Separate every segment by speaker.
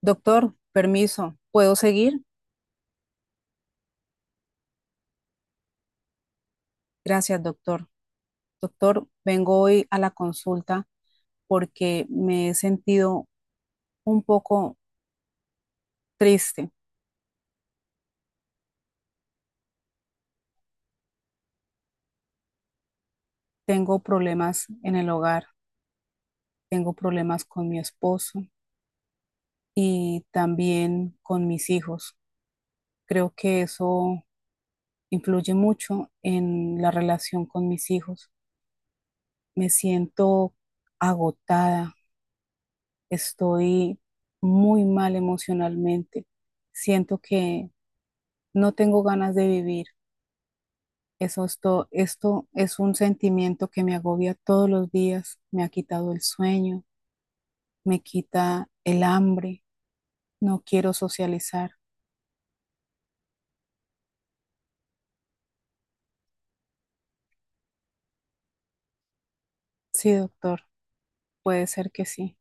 Speaker 1: Doctor, permiso, ¿puedo seguir? Gracias, doctor. Doctor, vengo hoy a la consulta porque me he sentido un poco triste. Tengo problemas en el hogar, tengo problemas con mi esposo y también con mis hijos. Creo que eso influye mucho en la relación con mis hijos. Me siento agotada, estoy muy mal emocionalmente. Siento que no tengo ganas de vivir. Esto es un sentimiento que me agobia todos los días. Me ha quitado el sueño, me quita el hambre. No quiero socializar. Sí, doctor, puede ser que sí.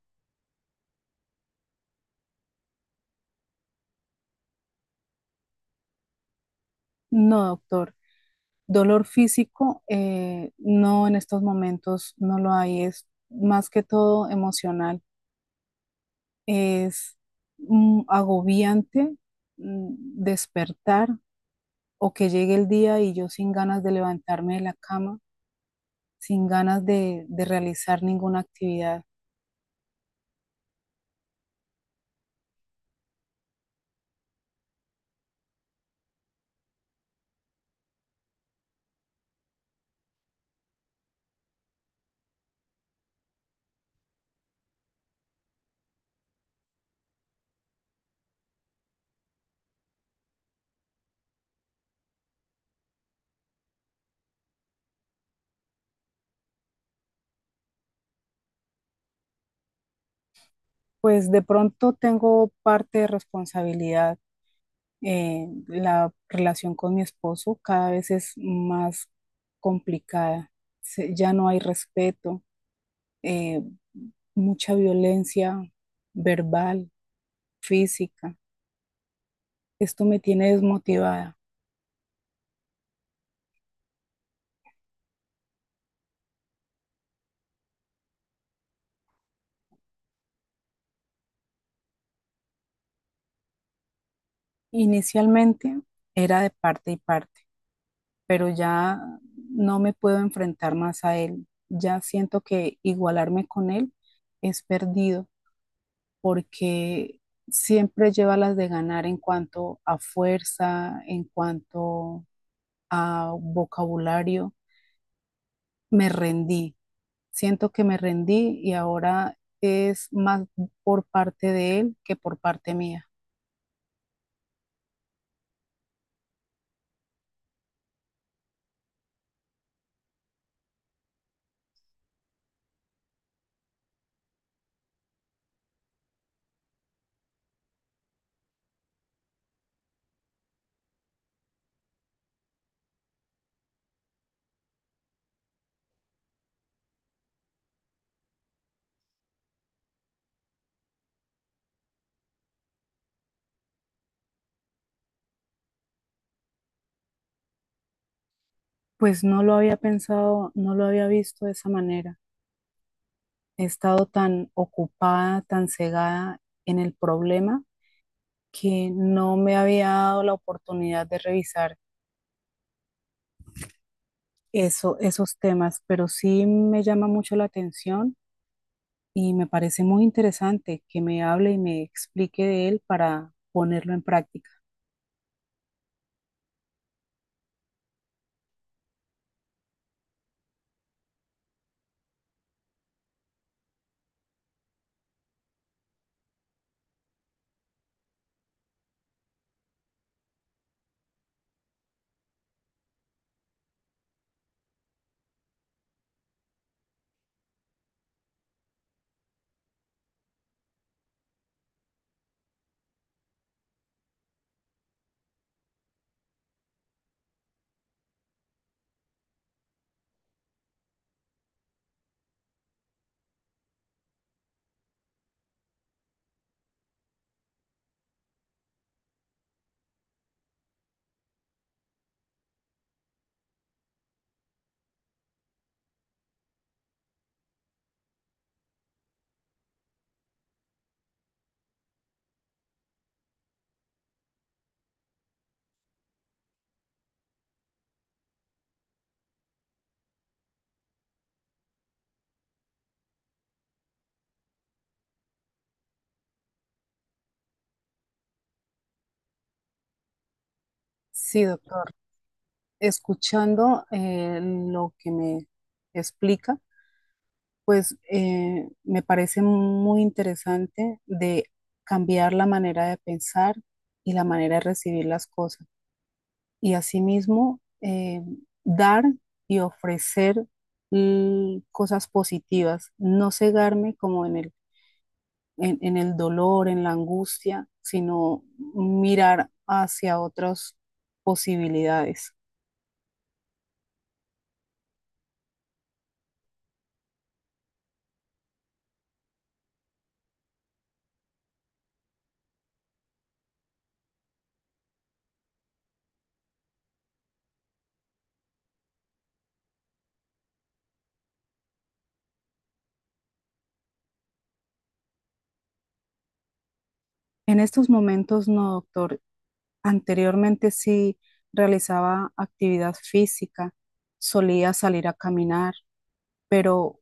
Speaker 1: No, doctor. Dolor físico, no en estos momentos, no lo hay. Es más que todo emocional. Es agobiante mm, despertar o que llegue el día y yo sin ganas de levantarme de la cama sin ganas de realizar ninguna actividad. Pues de pronto tengo parte de responsabilidad. La relación con mi esposo cada vez es más complicada. Ya no hay respeto, eh, mucha violencia verbal, física. Esto me tiene desmotivada. Inicialmente era de parte y parte, pero ya no me puedo enfrentar más a él. Ya siento que igualarme con él es perdido porque siempre lleva las de ganar en cuanto a fuerza, en cuanto a vocabulario. Me rendí, siento que me rendí y ahora es más por parte de él que por parte mía. Pues no lo había pensado, no lo había visto de esa manera. He estado tan ocupada, tan cegada en el problema que no me había dado la oportunidad de revisar eso, esos temas, pero sí me llama mucho la atención y me parece muy interesante que me hable y me explique de él para ponerlo en práctica. Sí, doctor, escuchando lo que me explica, pues me parece muy interesante de cambiar la manera de pensar y la manera de recibir las cosas. Y asimismo, dar y ofrecer cosas positivas, no cegarme como en en el dolor, en la angustia, sino mirar hacia otras posibilidades. En estos momentos, no, doctor. Anteriormente sí realizaba actividad física, solía salir a caminar, pero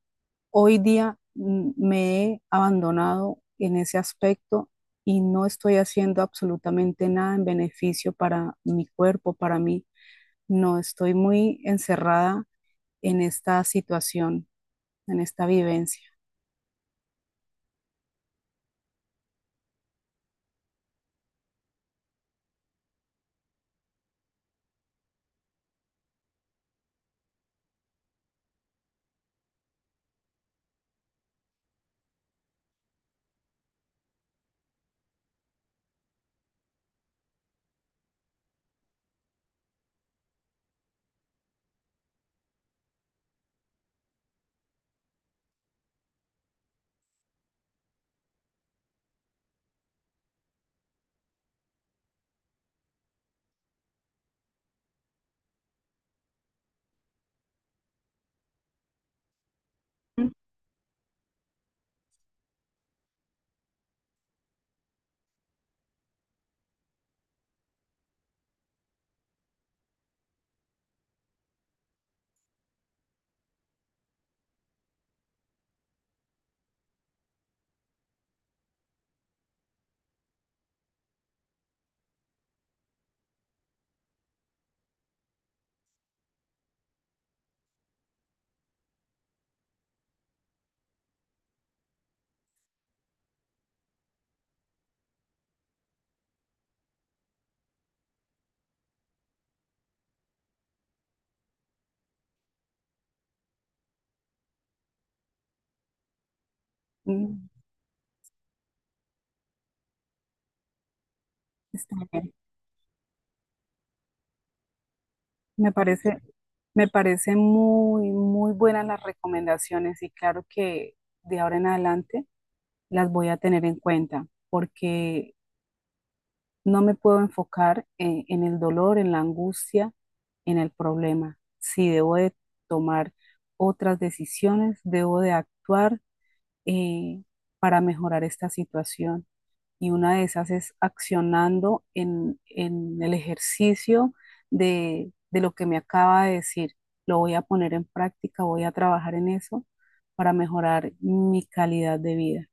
Speaker 1: hoy día me he abandonado en ese aspecto y no estoy haciendo absolutamente nada en beneficio para mi cuerpo, para mí. No, estoy muy encerrada en esta situación, en esta vivencia. Mm, está bien. Me parece, me parece muy, muy buenas las recomendaciones y claro que de ahora en adelante las voy a tener en cuenta porque no me puedo enfocar en el dolor, en la angustia, en el problema. Si debo de tomar otras decisiones, debo de actuar eh, para mejorar esta situación y una de esas es accionando en el ejercicio de lo que me acaba de decir. Lo voy a poner en práctica, voy a trabajar en eso para mejorar mi calidad de vida.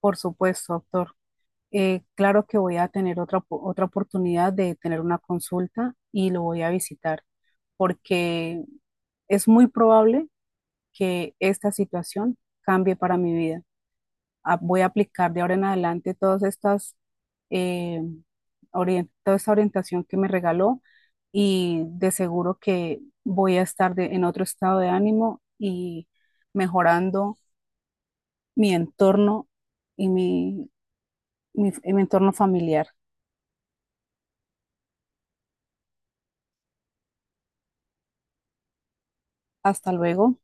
Speaker 1: Por supuesto, doctor. Claro que voy a tener otra oportunidad de tener una consulta y lo voy a visitar porque es muy probable que esta situación cambie para mi vida. Voy a aplicar de ahora en adelante todas estas, eh, toda esta orientación que me regaló y de seguro que voy a estar en otro estado de ánimo y mejorando mi entorno y mi entorno familiar. Hasta luego.